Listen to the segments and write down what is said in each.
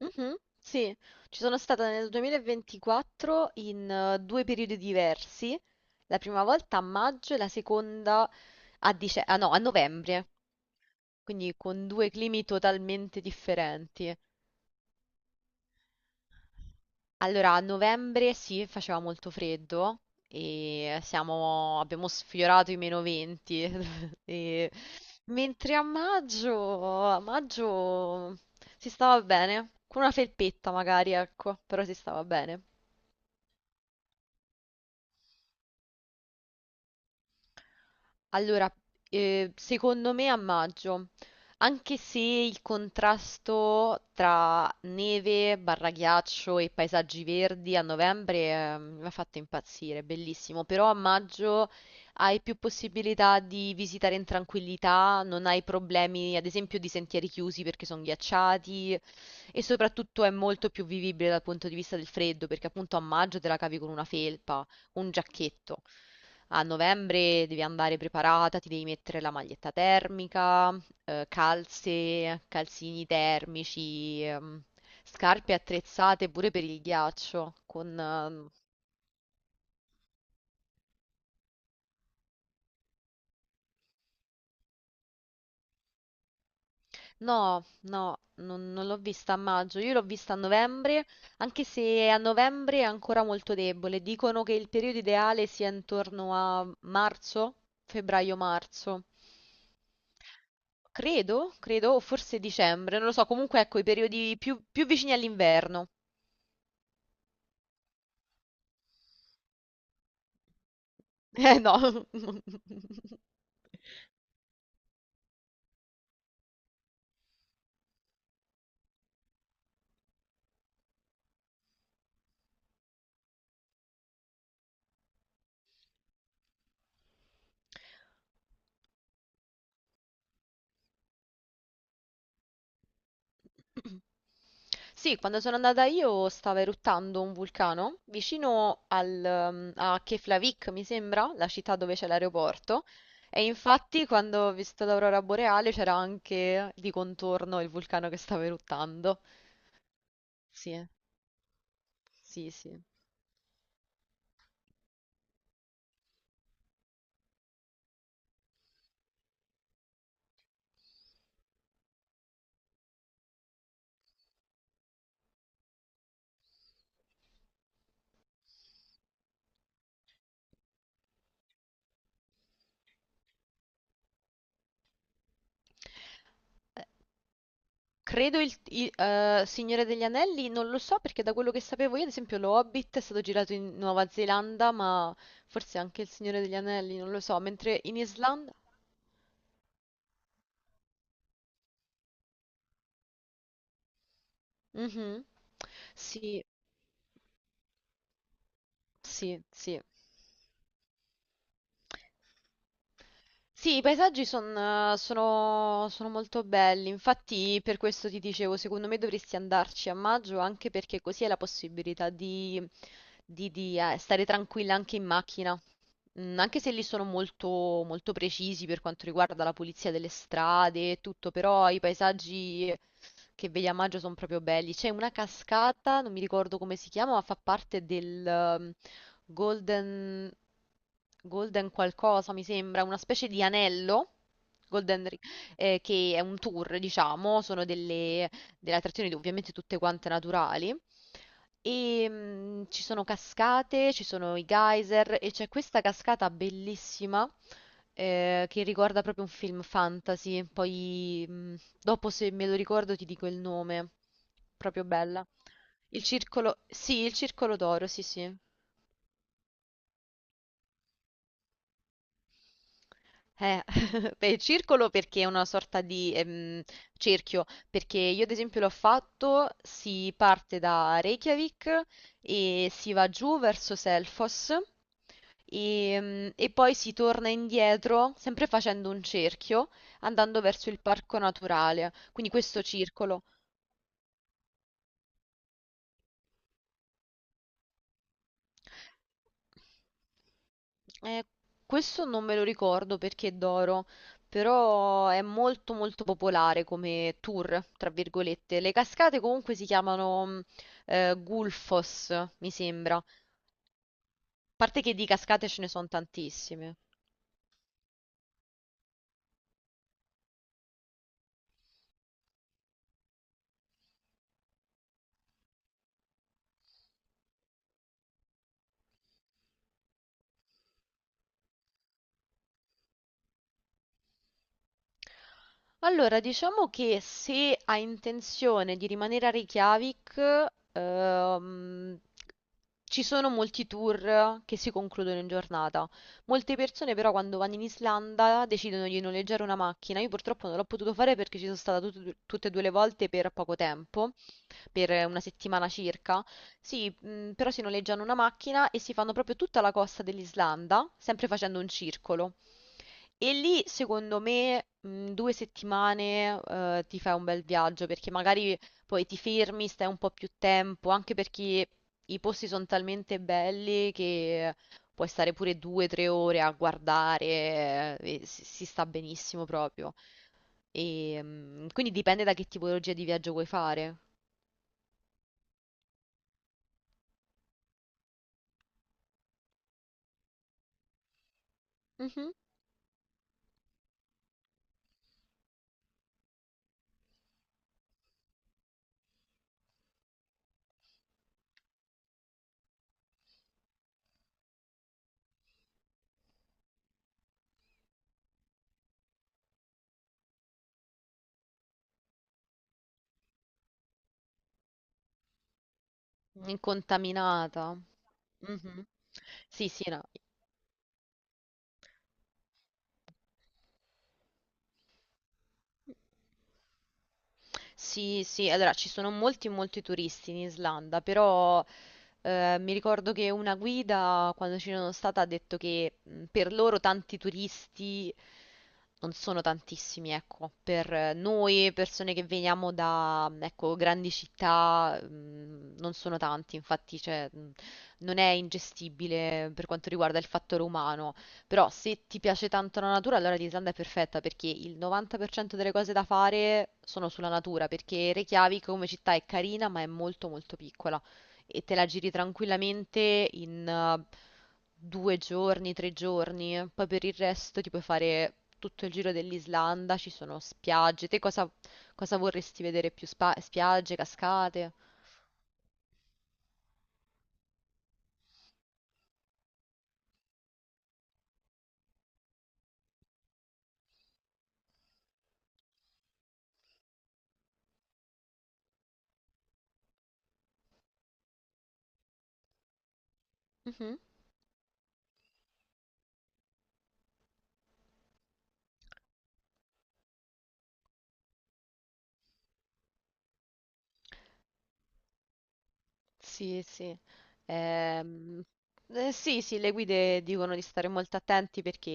Mhm. Sì, ci sono stata nel 2024 in due periodi diversi, la prima volta a maggio e la seconda a, dice- ah, no, a novembre, quindi con due climi totalmente differenti. Allora, a novembre sì, faceva molto freddo e abbiamo sfiorato i meno 20, e- mentre a maggio si stava bene, con una felpetta magari, ecco, però si stava bene. Allora, secondo me a maggio, anche se il contrasto tra neve, barra ghiaccio e paesaggi verdi a novembre, mi ha fatto impazzire, è bellissimo, però a maggio hai più possibilità di visitare in tranquillità, non hai problemi, ad esempio, di sentieri chiusi perché sono ghiacciati e soprattutto è molto più vivibile dal punto di vista del freddo, perché appunto a maggio te la cavi con una felpa un giacchetto. A novembre devi andare preparata, ti devi mettere la maglietta termica, calze, calzini termici, scarpe attrezzate pure per il ghiaccio. Con, no, no, non l'ho vista a maggio, io l'ho vista a novembre, anche se a novembre è ancora molto debole. Dicono che il periodo ideale sia intorno a marzo, febbraio-marzo. Credo, o forse dicembre, non lo so, comunque ecco i periodi più vicini all'inverno. Eh no. Sì, quando sono andata io stava eruttando un vulcano vicino al, a Keflavik, mi sembra, la città dove c'è l'aeroporto. E infatti quando ho visto l'aurora boreale c'era anche di contorno il vulcano che stava eruttando. Sì, eh, sì, sì. Credo Signore degli Anelli, non lo so, perché da quello che sapevo io, ad esempio, lo Hobbit è stato girato in Nuova Zelanda, ma forse anche il Signore degli Anelli, non lo so, mentre in Islanda... Mhm. Sì, sì, sì. Sì, i paesaggi sono, sono molto belli, infatti per questo ti dicevo, secondo me dovresti andarci a maggio anche perché così hai la possibilità di, stare tranquilla anche in macchina. Mm, anche se lì sono molto, molto precisi per quanto riguarda la pulizia delle strade e tutto, però i paesaggi che vedi a maggio sono proprio belli. C'è una cascata, non mi ricordo come si chiama, ma fa parte del Golden, Golden qualcosa, mi sembra, una specie di anello. Golden Ring, che è un tour, diciamo, sono delle, delle attrazioni ovviamente tutte quante naturali. E mm, ci sono cascate, ci sono i geyser e c'è questa cascata bellissima che ricorda proprio un film fantasy. Poi mm, dopo se me lo ricordo ti dico il nome. Proprio bella. Il circolo, sì, il circolo d'oro, sì, sì. Eh, beh, il circolo perché è una sorta di cerchio, perché io ad esempio l'ho fatto, si parte da Reykjavik e si va giù verso Selfos e poi si torna indietro, sempre facendo un cerchio, andando verso il parco naturale. Quindi questo circolo. Eh, questo non me lo ricordo perché è d'oro, però è molto molto popolare come tour, tra virgolette. Le cascate comunque si chiamano Gulfos, mi sembra. A parte che di cascate ce ne sono tantissime. Allora, diciamo che se hai intenzione di rimanere a Reykjavik, ehm, ci sono molti tour che si concludono in giornata. Molte persone però quando vanno in Islanda decidono di noleggiare una macchina. Io purtroppo non l'ho potuto fare perché ci sono stata tutte e due le volte per poco tempo, per una settimana circa. Sì, però si noleggiano una macchina e si fanno proprio tutta la costa dell'Islanda, sempre facendo un circolo. E lì, secondo me, due settimane, ti fai un bel viaggio perché magari poi ti fermi, stai un po' più tempo, anche perché i posti sono talmente belli che puoi stare pure due, o tre ore a guardare, e si sta benissimo proprio. E, quindi dipende da che tipologia di viaggio vuoi fare. Mhm. Incontaminata. Mhm. Sì, sì, no. Sì, sì, allora ci sono molti, molti turisti in Islanda, però mi ricordo che una guida quando ci sono stata ha detto che per loro tanti turisti non sono tantissimi, ecco, per noi persone che veniamo da, ecco, grandi città non sono tanti, infatti cioè, non è ingestibile per quanto riguarda il fattore umano. Però se ti piace tanto la natura, allora l'Islanda è perfetta perché il 90% delle cose da fare sono sulla natura, perché Reykjavik come città è carina, ma è molto molto piccola e te la giri tranquillamente in due giorni, tre giorni. Poi per il resto ti puoi fare tutto il giro dell'Islanda, ci sono spiagge. Te cosa, cosa vorresti vedere più? Spiagge, cascate? Mhm. Sì, sì. Ehm, sì, sì, le guide dicono di stare molto attenti perché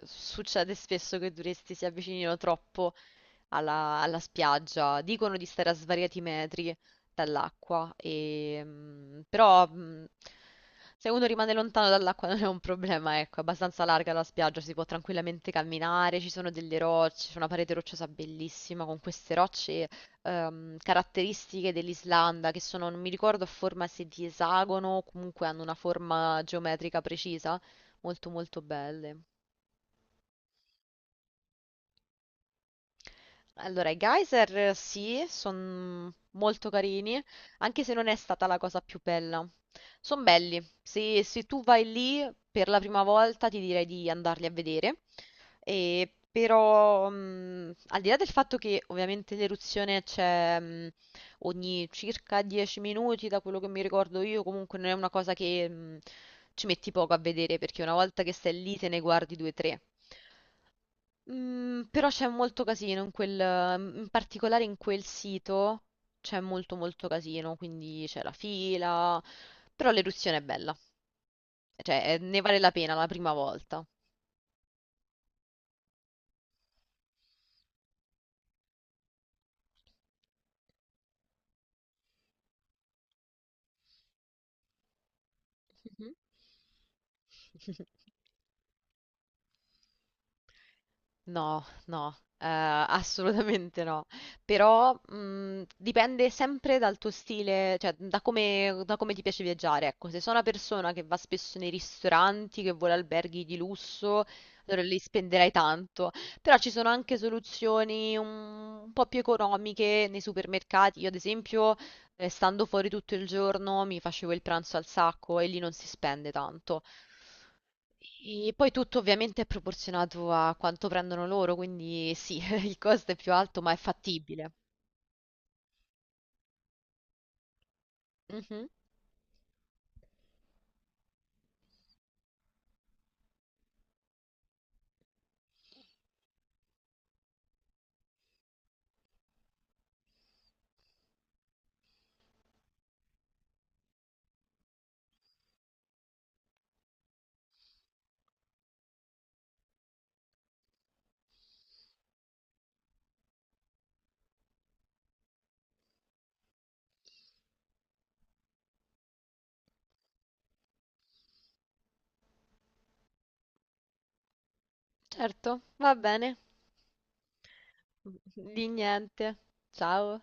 succede spesso che i turisti si avvicinino troppo alla spiaggia. Dicono di stare a svariati metri dall'acqua, e, mm, però mm, se uno rimane lontano dall'acqua non è un problema, ecco, è abbastanza larga la spiaggia, si può tranquillamente camminare, ci sono delle rocce, c'è una parete rocciosa bellissima con queste rocce caratteristiche dell'Islanda che sono, non mi ricordo, a forma se di esagono o comunque hanno una forma geometrica precisa, molto molto belle. Allora, i geyser sì, sono molto carini, anche se non è stata la cosa più bella. Sono belli. Se, se tu vai lì per la prima volta, ti direi di andarli a vedere. E però, al di là del fatto che ovviamente l'eruzione c'è ogni circa 10 minuti, da quello che mi ricordo io, comunque non è una cosa che ci metti poco a vedere, perché una volta che stai lì te ne guardi due o tre. Mm, però c'è molto casino in quel, in particolare in quel sito c'è molto molto casino, quindi c'è la fila, però l'eruzione è bella, cioè ne vale la pena la prima volta. Mhm. No, no, assolutamente no. Però dipende sempre dal tuo stile, cioè da come, da come ti piace viaggiare. Ecco, se sono una persona che va spesso nei ristoranti, che vuole alberghi di lusso, allora lì spenderai tanto. Però ci sono anche soluzioni un po' più economiche nei supermercati. Io, ad esempio, stando fuori tutto il giorno, mi facevo il pranzo al sacco e lì non si spende tanto. E poi tutto ovviamente è proporzionato a quanto prendono loro, quindi sì, il costo è più alto, ma è fattibile. Mhm, certo, va bene. Di niente. Ciao.